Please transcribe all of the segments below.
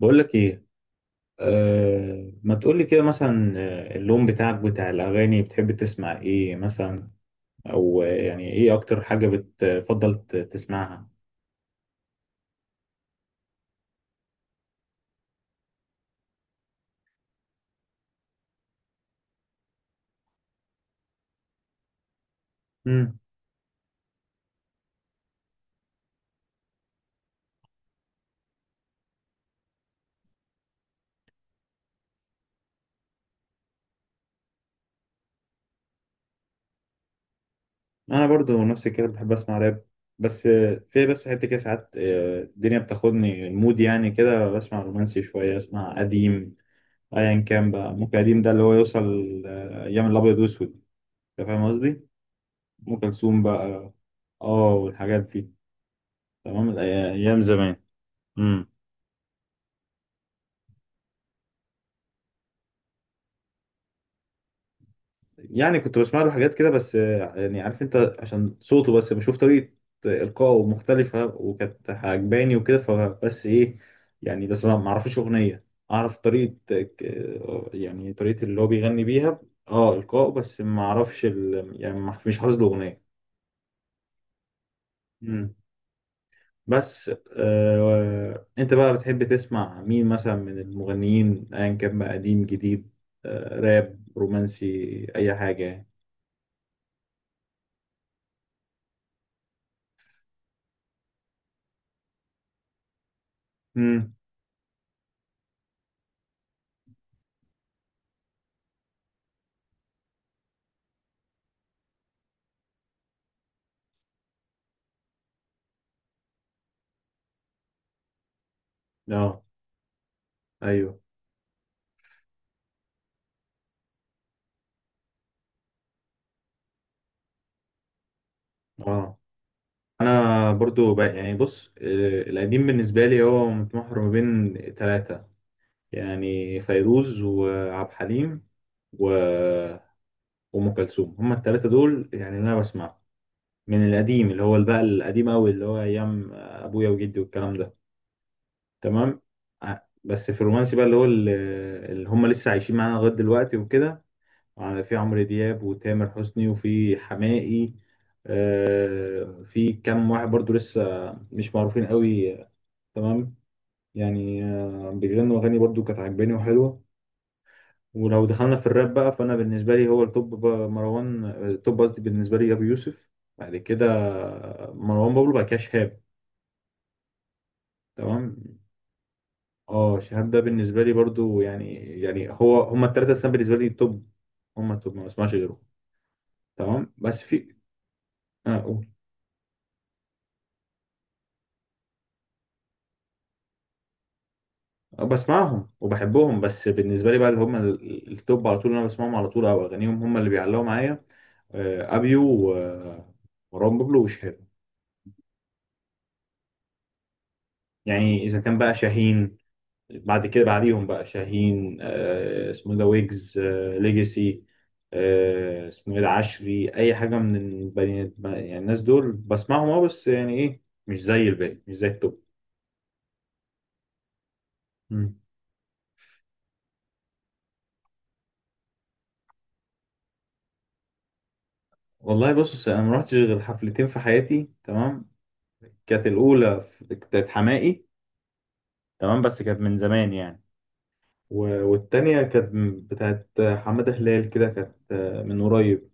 بقول لك ايه. أه، ما تقول لي كده مثلا، اللون بتاعك بتاع الاغاني بتحب تسمع ايه مثلا؟ او يعني ايه اكتر حاجه بتفضل تسمعها؟ امم. انا برضو نفسي كده بحب اسمع راب. بس في بس حته كده ساعات، الدنيا بتاخدني المود، يعني كده بسمع رومانسي شويه، اسمع قديم. ايا كان بقى، ممكن قديم ده اللي هو يوصل ايام الابيض واسود. انت فاهم قصدي؟ ام كلثوم بقى، اه، والحاجات دي. تمام، ايام زمان. يعني كنت بسمع له حاجات كده، بس يعني عارف انت، عشان صوته بس بشوف طريقة إلقائه مختلفة وكانت عجباني وكده، فبس ايه، يعني بس ما اعرفش أغنية. اعرف طريقة، يعني طريقة اللي هو بيغني بيها. اه إلقائه، بس ما اعرفش يعني مش حافظ له أغنية. مم. بس آه، انت بقى بتحب تسمع مين مثلا من المغنيين؟ ايا كان بقى، قديم، جديد، آه، راب، رومانسي، اي حاجة يعني. امم. اه، ايوه. اه، انا برضو بقى، يعني بص، القديم بالنسبه لي هو متمحور ما بين ثلاثه، يعني فيروز وعبد الحليم و... وام كلثوم. هما الثلاثه دول يعني اللي انا بسمعهم من القديم، اللي هو بقى القديم قوي، اللي هو ايام ابويا وجدي والكلام ده. تمام. ع- بس في الرومانسي بقى، اللي هو اللي هما لسه عايشين معانا لغايه دلوقتي وكده، في عمرو دياب وتامر حسني وفي حماقي. في كام واحد برضو لسه مش معروفين قوي، تمام، يعني بيغنوا اغاني برضو كانت عجباني وحلوه. ولو دخلنا في الراب بقى، فانا بالنسبه لي هو التوب بقى مروان، التوب قصدي بالنسبه لي ابو يوسف، بعد كده مروان بابلو، بعد كده شهاب. تمام. اه، شهاب ده بالنسبه لي برضو يعني، يعني هو هما الثلاثه السنه بالنسبه لي توب، هما التوب، ما بسمعش غيرهم. تمام. بس في، اه قول. أه، بسمعهم وبحبهم، بس بالنسبه لي بقى اللي هم التوب على طول، اللي انا بسمعهم على طول، او اغانيهم هم اللي بيعلقوا معايا، ابيو ومروان بابلو وشهاب. يعني اذا كان بقى شاهين، بعد كده بعديهم بقى شاهين، اسمه إيه ده، ويجز، ليجاسي، اسمه ايه ده، عشري، اي حاجه من البني، يعني الناس دول بسمعهم اه، بس يعني ايه، مش زي الباقي، مش زي التوب. مم. والله بص، انا ما رحتش غير حفلتين في حياتي، تمام. كانت الاولى بتاعت حماقي، تمام، بس كانت من زمان يعني. والتانية كانت بتاعت حمادة هلال، كده كانت من قريب.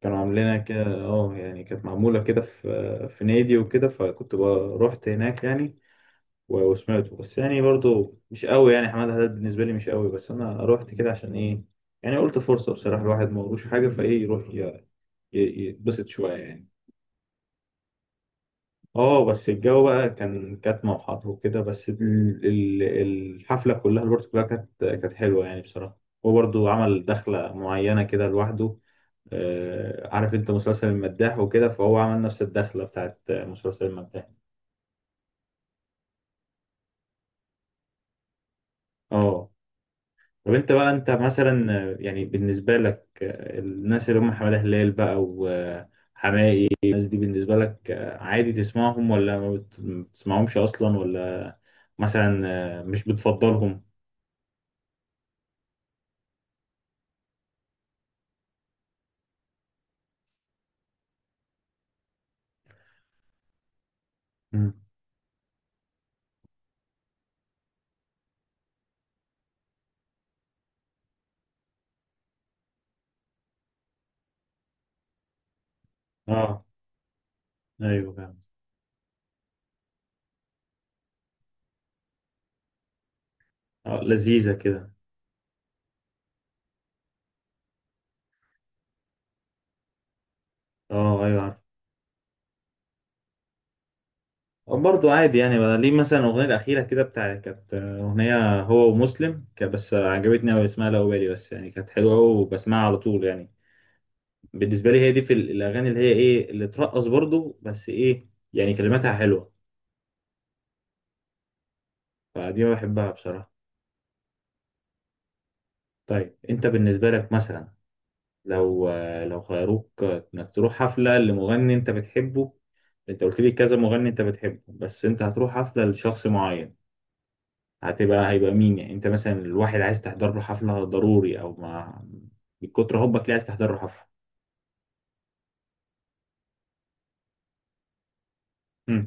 كانوا عاملينها كده اه، يعني كانت معمولة كده في نادي وكده، رحت هناك يعني، وسمعته، بس يعني برضو مش قوي، يعني حمادة هلال بالنسبة لي مش قوي، بس أنا رحت كده عشان إيه، يعني قلت فرصة بصراحة، الواحد ما وروش حاجة، فإيه يروح يتبسط شوية يعني. اه، بس الجو بقى كان كاتمة وحر وكده، بس الحفلة كلها، الورد كلها، كانت حلوة يعني بصراحة. هو برضه عمل دخلة معينة كده لوحده، عارف انت مسلسل المداح وكده، فهو عمل نفس الدخلة بتاعت مسلسل المداح. اه. طب انت بقى، انت مثلا يعني بالنسبة لك، الناس اللي هم حمادة هلال بقى وحماقي، الناس دي بالنسبة لك عادي تسمعهم، ولا ما بتسمعهمش أصلا، ولا مثلا مش بتفضلهم؟ اه، ايوه فاهم. اه لذيذة كده. اه ايوه عارف. برضه عادي يعني، بقى ليه مثلا الأغنية الأخيرة كده بتاع، كانت أغنية هو ومسلم، بس عجبتني أوي، اسمها لو بالي، بس يعني كانت حلوة أوي وبسمعها على طول يعني. بالنسبة لي هي دي في الأغاني اللي هي إيه، اللي ترقص برضه، بس إيه، يعني كلماتها حلوة، فدي ما بحبها بصراحة. طيب أنت بالنسبة لك مثلا، لو لو خيروك إنك تروح حفلة لمغني أنت بتحبه، أنت قلت لي كذا مغني أنت بتحبه، بس أنت هتروح حفلة لشخص معين، هيبقى مين يعني؟ انت مثلا الواحد عايز تحضر له حفلة ضروري، او ما من كتر حبك ليه عايز تحضر له حفلة. امم،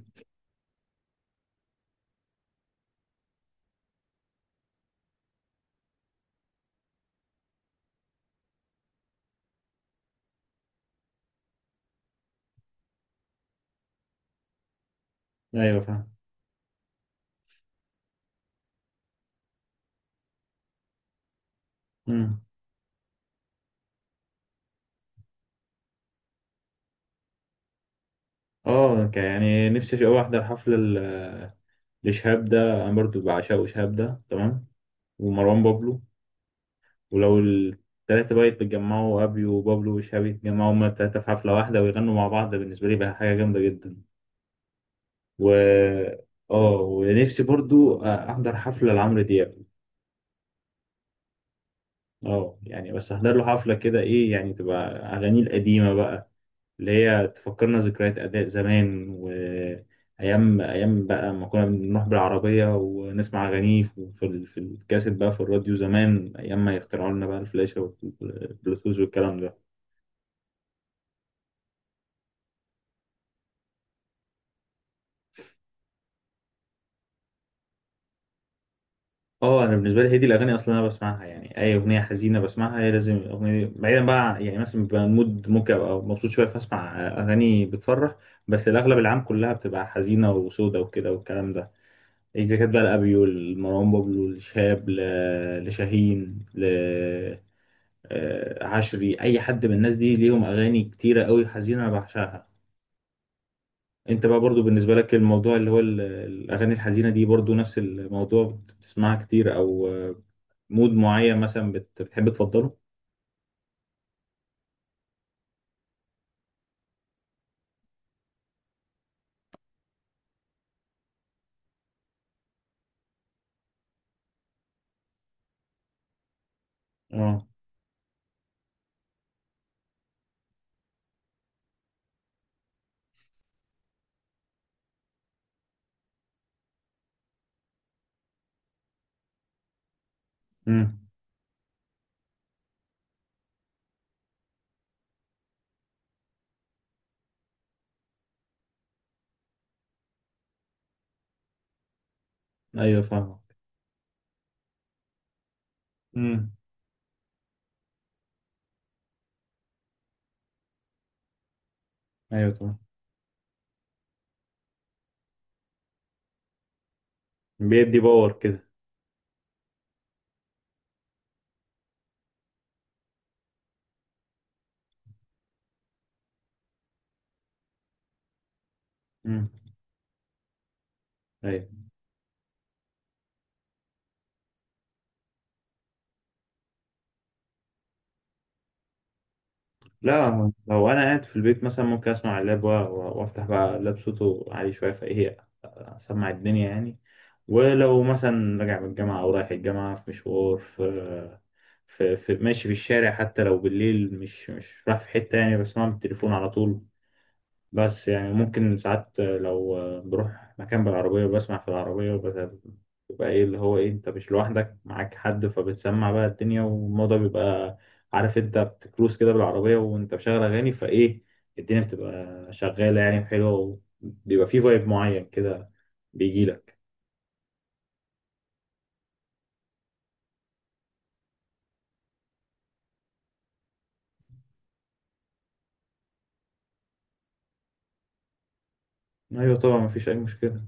ايوه فاهم. امم. اه يعني نفسي قوي احضر حفلة لشهاب ده، انا برضو بعشقه شهاب ده، تمام، ومروان بابلو. ولو التلاتة بقى يتجمعوا، ابيو وبابلو وشهاب يتجمعوا هما التلاتة في حفلة واحدة ويغنوا مع بعض، ده بالنسبة لي بقى حاجة جامدة جدا. و اه، ونفسي برضو احضر حفلة لعمرو دياب. اه يعني بس احضر له حفلة كده، ايه يعني، تبقى اغانيه القديمة بقى، اللي هي تفكرنا ذكريات اداء زمان، وايام ايام بقى ما كنا بنروح بالعربية ونسمع اغانيه في في الكاسيت بقى، في الراديو زمان، ايام ما يخترعوا لنا بقى الفلاشة والبلوتوز والكلام ده. اه انا بالنسبة لي هي دي الاغاني اصلا انا بسمعها، يعني اي اغنية حزينة بسمعها هي، لازم الاغنية دي. بعيدا بقى، يعني مثلا بيبقى مود ممكن ابقى مبسوط شوية فاسمع اغاني بتفرح، بس الاغلب العام كلها بتبقى حزينة وسودة وكده والكلام ده، إذا كانت بقى لأبيو، لمروان بابلو، لشهاب، لشاهين، عشري، أي حد من الناس دي ليهم أغاني كتيرة قوي حزينة أنا بعشقها. أنت بقى برضو بالنسبة لك الموضوع اللي هو الأغاني الحزينة دي برضو نفس الموضوع، بتسمعها كتير، أو مود معين مثلا بتحب تفضله؟ اه. امم. أيوه فاهمك. امم. أيوه طبعا. بيدي باور كده. امم. أيوه. لا، هو لو أنا قاعد في البيت مثلا ممكن أسمع اللاب، وأفتح بقى اللاب صوته عالي شوية، فإيه، أسمع الدنيا يعني. ولو مثلا راجع من الجامعة أو رايح الجامعة في مشوار، في ماشي في الشارع، حتى لو بالليل مش رايح في حتة يعني، بسمع من التليفون على طول. بس يعني ممكن ساعات لو بروح مكان بالعربية، وبسمع في العربية، بيبقى ايه، اللي هو ايه، انت مش لوحدك معاك حد، فبتسمع بقى الدنيا، والموضوع بيبقى، عارف انت، بتكروز كده بالعربية وانت مشغل اغاني، فايه الدنيا بتبقى شغالة يعني، حلوة، وبيبقى فيه فايب معين كده بيجيلك. ايوه طبعا مفيش اي مشكلة.